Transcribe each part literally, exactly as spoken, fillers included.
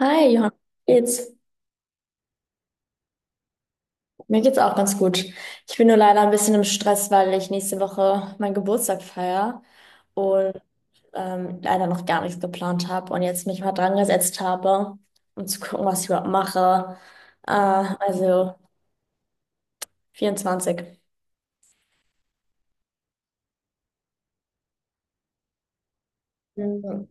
Hi, Johann. Wie Geht's? Mir geht's auch ganz gut. Ich bin nur leider ein bisschen im Stress, weil ich nächste Woche meinen Geburtstag feiere und ähm, leider noch gar nichts geplant habe und jetzt mich mal dran gesetzt habe, um zu gucken, was ich überhaupt mache. Äh, also vierundzwanzig. Mhm.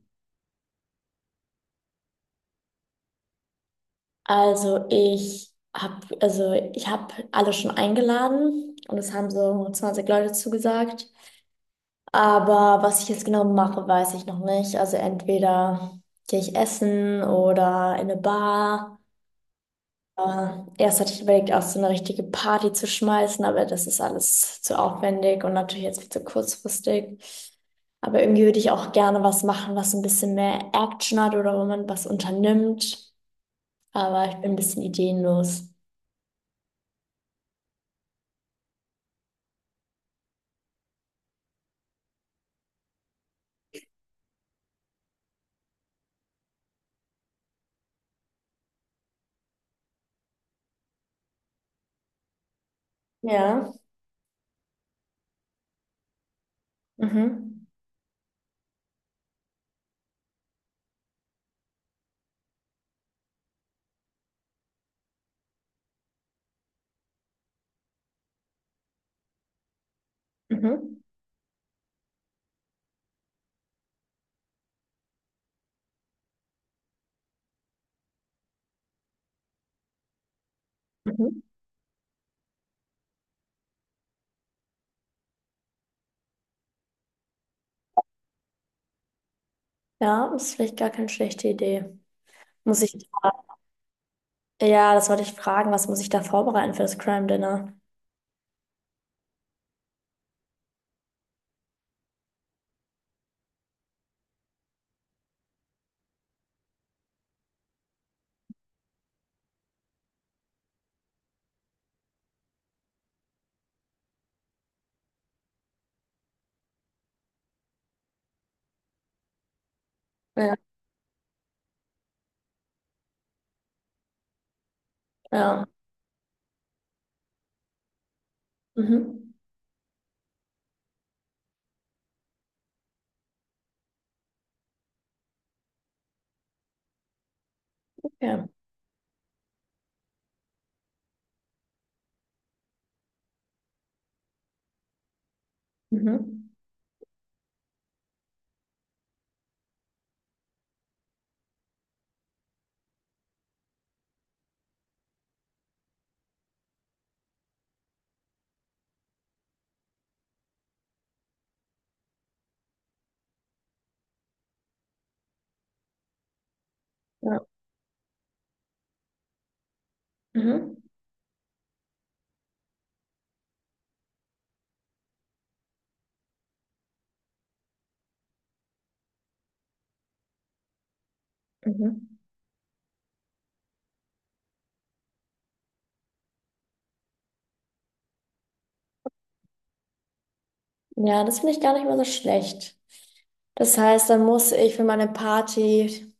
Also ich habe also ich habe alle schon eingeladen und es haben so zwanzig Leute zugesagt. Aber was ich jetzt genau mache, weiß ich noch nicht. Also entweder gehe ich essen oder in eine Bar. Aber erst hatte ich überlegt, auch so eine richtige Party zu schmeißen, aber das ist alles zu aufwendig und natürlich jetzt viel zu kurzfristig. Aber irgendwie würde ich auch gerne was machen, was ein bisschen mehr Action hat oder wo man was unternimmt. Aber ich bin ein bisschen ideenlos. Ja. Mhm. Mhm. Mhm. Ja, das ist vielleicht gar keine schlechte Idee. Muss ich. Ja, das wollte ich fragen. Was muss ich da vorbereiten für das Crime Dinner? Ja. Ja. Mhm. Ja. Mhm. Ja. Mhm. Mhm. Ja, das finde ich gar nicht mal so schlecht. Das heißt, dann muss ich für meine Party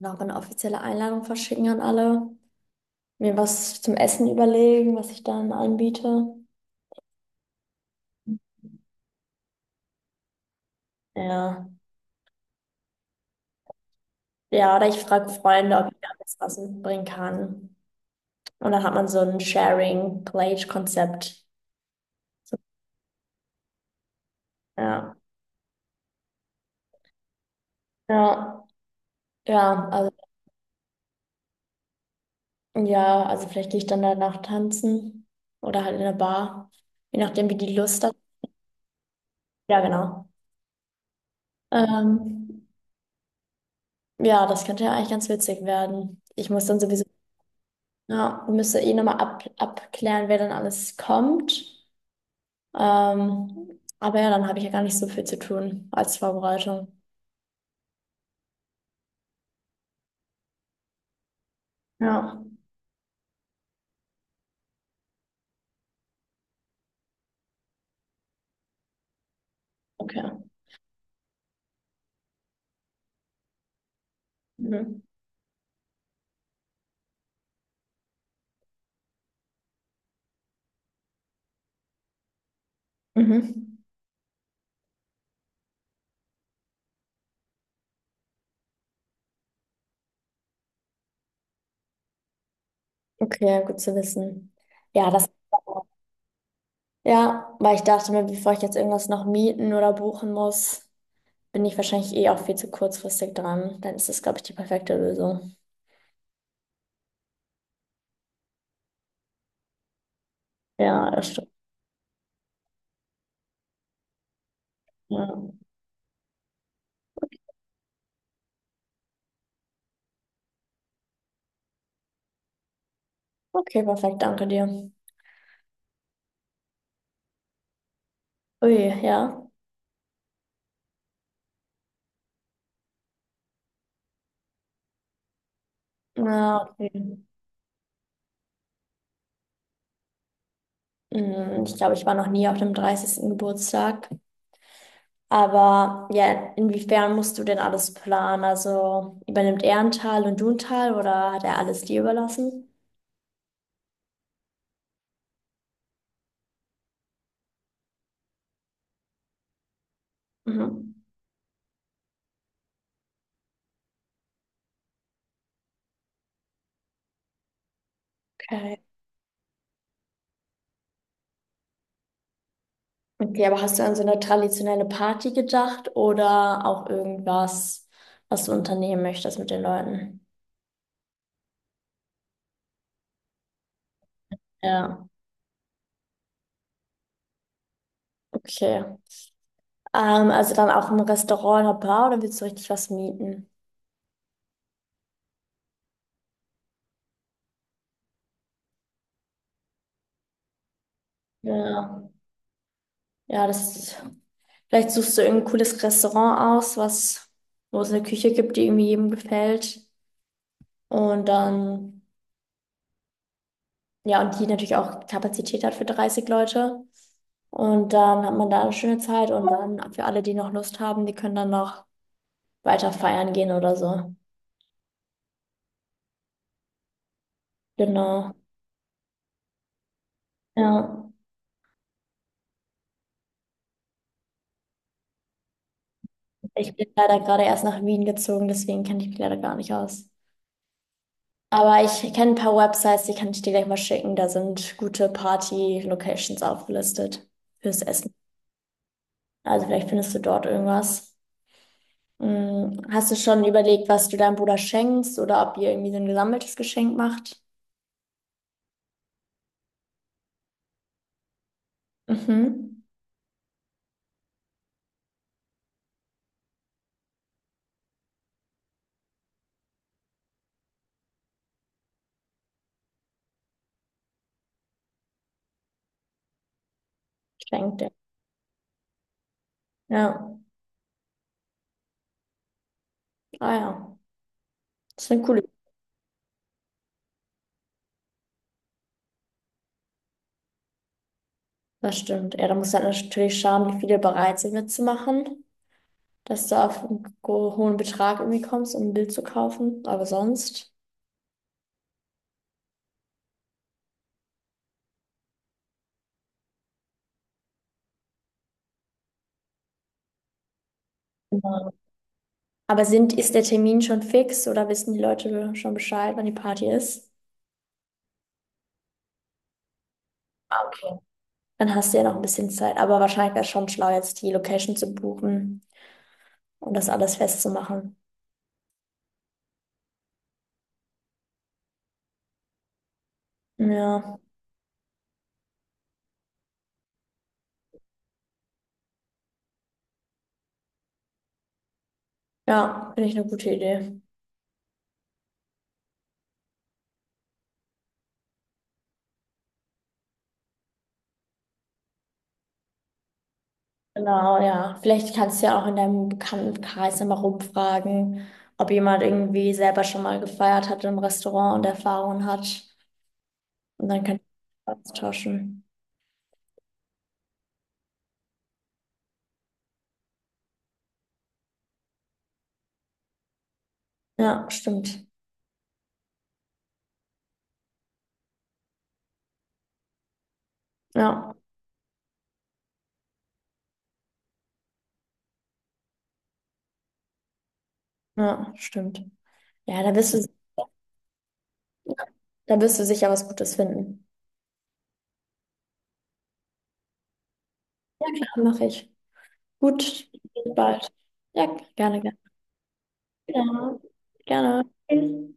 noch eine offizielle Einladung verschicken an alle, mir was zum Essen überlegen, was ich dann anbiete. Ja. Ja, oder ich frage Freunde, ob ich da alles was mitbringen kann. Und dann hat man so ein Sharing-Plate-Konzept. Ja. Ja. Ja, also. Ja, also vielleicht gehe ich dann danach tanzen oder halt in eine Bar, je nachdem, wie die Lust hat. Ja, genau. Ähm, ja, das könnte ja eigentlich ganz witzig werden. Ich muss dann sowieso, ja, müsste eh nochmal ab, abklären, wer dann alles kommt. Ähm, aber ja, dann habe ich ja gar nicht so viel zu tun als Vorbereitung. Ja, okay. Mhm. Mhm. Okay, gut zu wissen. Ja, das. Ja, weil ich dachte mir, bevor ich jetzt irgendwas noch mieten oder buchen muss, bin ich wahrscheinlich eh auch viel zu kurzfristig dran. Dann ist das, glaube ich, die perfekte Lösung. Ja, das stimmt. Ja. Okay, perfekt, danke dir. Ui, ja. Na, okay. Hm, ich glaube, ich war noch nie auf dem dreißigsten Geburtstag. Aber ja, inwiefern musst du denn alles planen? Also übernimmt er einen Teil und du einen Teil oder hat er alles dir überlassen? Mhm. Okay. Okay, aber hast du an so eine traditionelle Party gedacht oder auch irgendwas, was du unternehmen möchtest mit den Leuten? Ja. Okay. Ähm, also dann auch im Restaurant oder Bar oder willst du richtig was mieten? Ja. Ja, das, vielleicht suchst du irgendein cooles Restaurant aus, was, wo es eine Küche gibt, die irgendwie jedem gefällt. Und dann, ja, und die natürlich auch Kapazität hat für dreißig Leute. Und dann hat man da eine schöne Zeit und dann für alle, die noch Lust haben, die können dann noch weiter feiern gehen oder so. Genau. Ja. Ich bin leider gerade erst nach Wien gezogen, deswegen kenne ich mich leider gar nicht aus. Aber ich kenne ein paar Websites, die kann ich dir gleich mal schicken. Da sind gute Party-Locations aufgelistet fürs Essen. Also vielleicht findest du dort irgendwas. Hm, hast du schon überlegt, was du deinem Bruder schenkst oder ob ihr irgendwie so ein gesammeltes Geschenk macht? Mhm. Schenkt er. Ja. Ah ja. Das ist eine coole. Das stimmt. Ja, da musst du halt natürlich schauen, wie viele bereit sind mitzumachen, dass du auf einen ho- hohen Betrag irgendwie kommst, um ein Bild zu kaufen. Aber sonst. Aber sind, ist der Termin schon fix oder wissen die Leute schon Bescheid, wann die Party ist? Okay. Dann hast du ja noch ein bisschen Zeit. Aber wahrscheinlich wäre es schon schlau, jetzt die Location zu buchen und das alles festzumachen. Ja, ja, finde ich eine gute Idee. Genau, ja. Vielleicht kannst du ja auch in deinem Bekanntenkreis nochmal rumfragen, ob jemand irgendwie selber schon mal gefeiert hat im Restaurant und Erfahrungen hat. Und dann kannst du austauschen. Ja, stimmt. Ja, ja, stimmt. Ja, da wirst du. Ja. Da wirst du sicher was Gutes finden. Ja, klar, mache ich. Gut, bis bald. Ja, gerne, gerne. Ja, gerne. Tschüss.